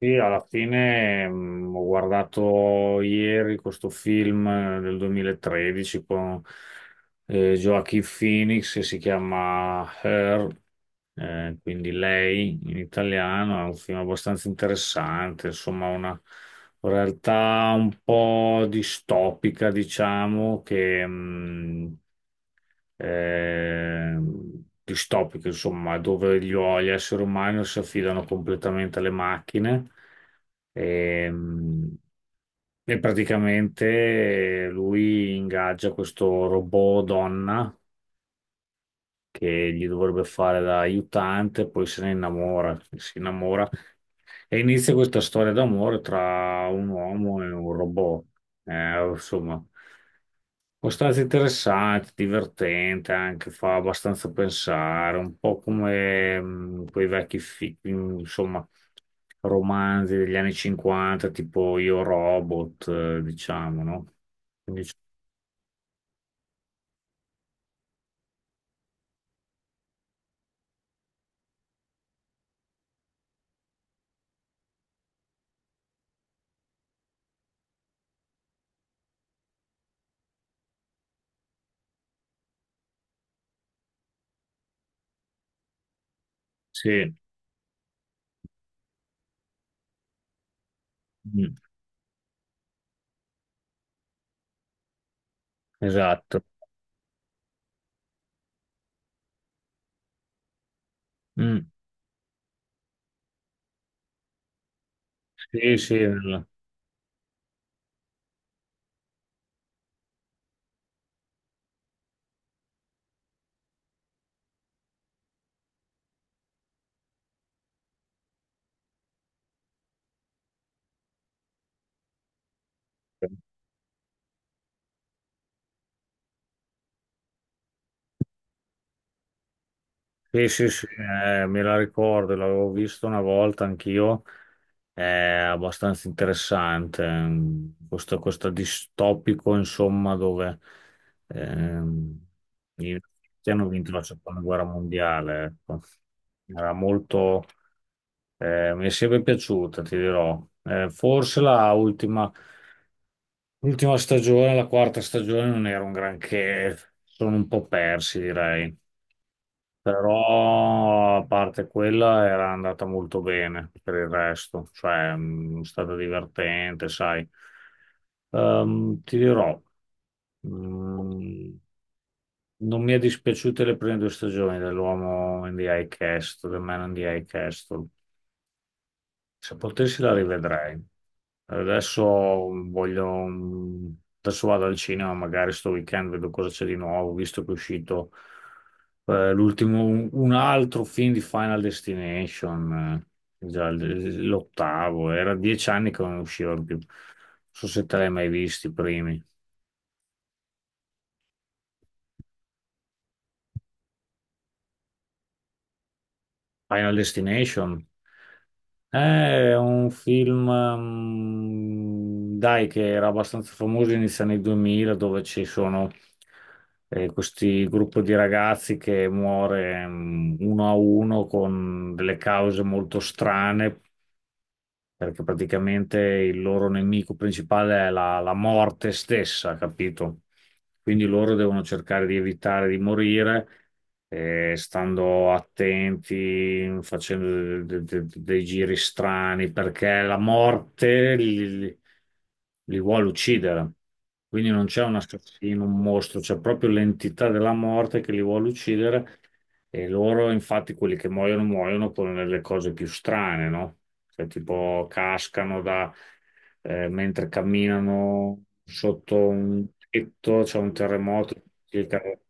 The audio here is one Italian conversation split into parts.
Sì, alla fine ho guardato ieri questo film del 2013 con Joaquin Phoenix che si chiama Her, quindi Lei in italiano, è un film abbastanza interessante, insomma una realtà un po' distopica, diciamo, che distopiche, insomma, dove gli esseri umani si affidano completamente alle macchine ehm, e praticamente lui ingaggia questo robot donna che gli dovrebbe fare da aiutante, poi se ne innamora, si innamora e inizia questa storia d'amore tra un uomo e un robot. Insomma. Può stare interessante, divertente, anche fa abbastanza pensare, un po' come quei vecchi insomma, romanzi degli anni 50, tipo Io Robot, diciamo, no? Quindi, sì, mm, esatto. Mm, sì, sì. Sì, sì, sì, me la ricordo, l'avevo visto una volta anch'io, è abbastanza interessante, questo distopico, insomma, dove ehm, i nazisti hanno vinto la seconda guerra mondiale, ecco. Era molto, mi è sempre piaciuta, ti dirò. Forse l'ultima stagione, la quarta stagione, non era un granché, sono un po' persi, direi. Però a parte quella era andata molto bene per il resto, cioè è stata divertente, sai. Ti dirò, mh, non mi è dispiaciute le prime due stagioni dell'uomo in the High Castle, del Man in the High Castle. Se potessi la rivedrei. Adesso voglio, mm, adesso vado al cinema, magari sto weekend vedo cosa c'è di nuovo, visto che è uscito l'ultimo, un altro film di Final Destination, già l'ottavo, era 10 anni che non usciva più. Non so se te l'hai mai visti i primi. Final Destination? È un film, dai, che era abbastanza famoso inizio anni 2000, dove ci sono questi gruppo di ragazzi che muore uno a uno con delle cause molto strane, perché praticamente il loro nemico principale è la morte stessa, capito? Quindi loro devono cercare di evitare di morire, stando attenti, facendo dei giri strani, perché la morte li vuole uccidere. Quindi non c'è un assassino, un mostro, c'è proprio l'entità della morte che li vuole uccidere e loro, infatti, quelli che muoiono, muoiono con le cose più strane, no? Cioè, tipo, cascano da, mentre camminano sotto un tetto, c'è un terremoto. gli cade-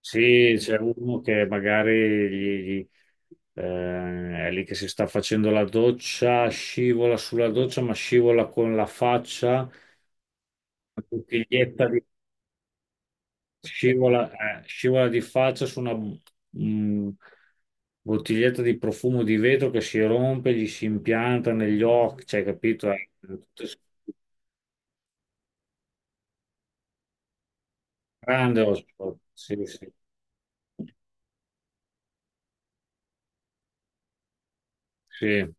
Sì, c'è uno che magari è lì che si sta facendo la doccia, scivola sulla doccia, ma scivola con la faccia, una scivola di faccia su una bottiglietta di profumo di vetro che si rompe, gli si impianta negli occhi, cioè, capito? Grande Osborne. Sì, sì, sì.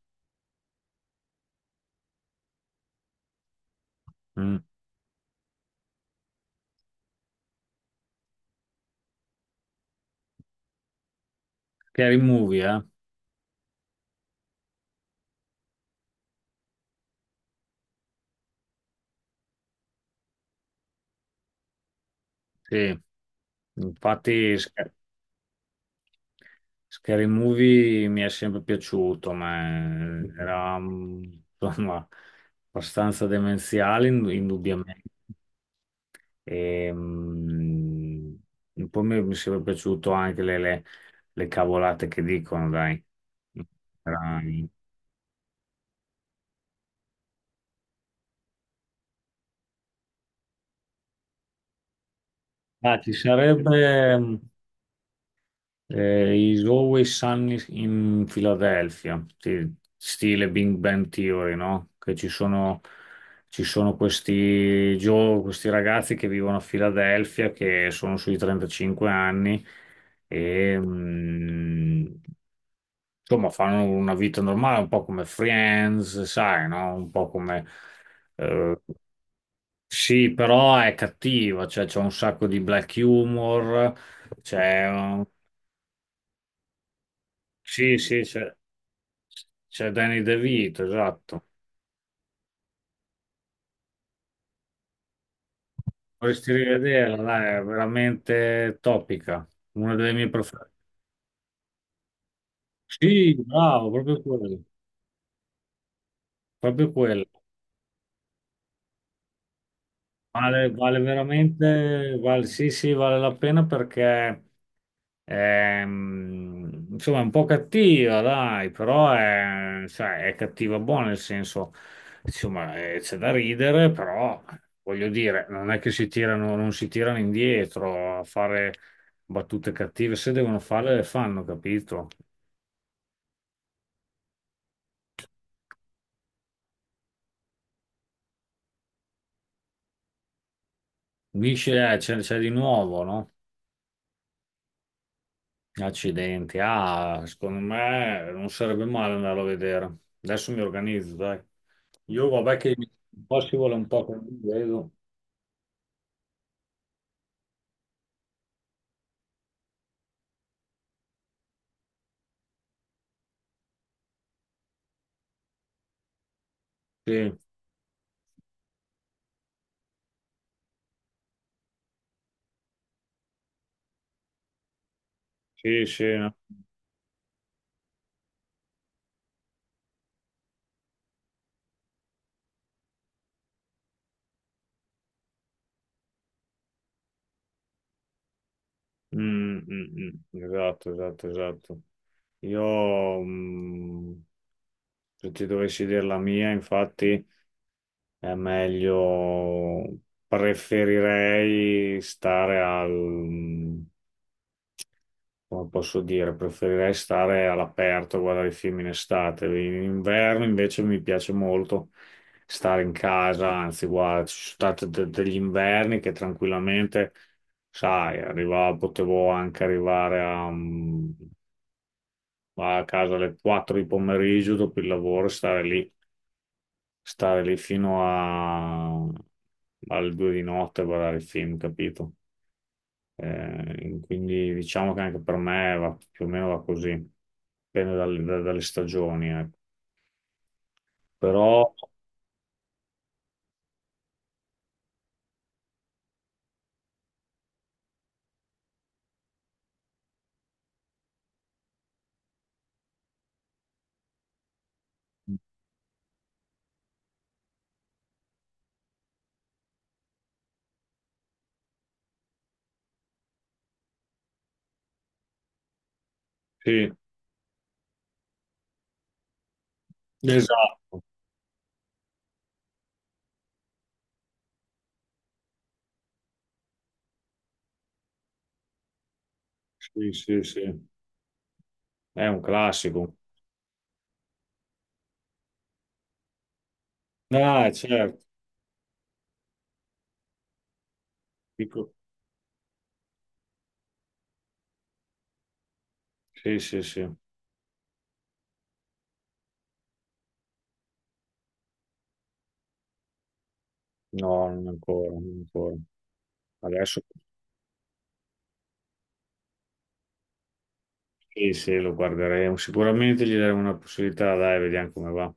Mm. Scary Movie, eh? Sì. Infatti, Scary Movie mi è sempre piaciuto, ma era, insomma, abbastanza demenziale, indubbiamente. E, mm, poi mi sarebbe piaciuto anche le cavolate che dicono, dai. Dai. Ah, ci sarebbe Is Always Sunny in Philadelphia, sì, stile Big Bang Theory, no? Che ci sono questi, questi ragazzi che vivono a Filadelfia, che sono sui 35 anni e insomma, fanno una vita normale, un po' come Friends, sai, no? Un po' come, eh, sì, però è cattiva, cioè c'è un sacco di black humor. c'è... un- Sì, sì, c'è Danny DeVito, esatto. Vorresti rivederla, dai, è veramente topica, una delle mie preferite. Sì, bravo, proprio quello, proprio quello. Vale, vale veramente, vale, sì, sì, vale la pena perché. Insomma, è un po' cattiva, dai, però è, sai, è cattiva buona, nel senso, insomma, c'è da ridere, però voglio dire, non è che si tirano, non si tirano indietro a fare battute cattive, se devono farle le fanno, capito? Dici, c'è di nuovo, no? Accidenti, ah, secondo me non sarebbe male andarlo a vedere. Adesso mi organizzo, dai. Io vabbè che un po' si vuole un po' così, vedo. Sì. Sì, sì, no. Mm, mm, mm. Esatto, esatto, esatto. Io, se ti dovessi dire la mia, infatti, è meglio, preferirei stare al, come posso dire, preferirei stare all'aperto, a guardare i film in estate. In inverno invece mi piace molto stare in casa, anzi, guarda, ci sono stati degli inverni che tranquillamente, sai, potevo anche arrivare a casa alle 4 di pomeriggio dopo il lavoro, e stare lì alle 2 di notte a guardare i film, capito? Quindi diciamo che anche per me va, più o meno va così, dipende dalle stagioni, ecco. Però sì, esatto, sì, sì, sì, è un classico. Ah, certo, dico- sì, sì, sì, no, non ancora, non ancora. Adesso sì, sì, lo guarderemo, sicuramente gli daremo una possibilità, dai, vediamo come va.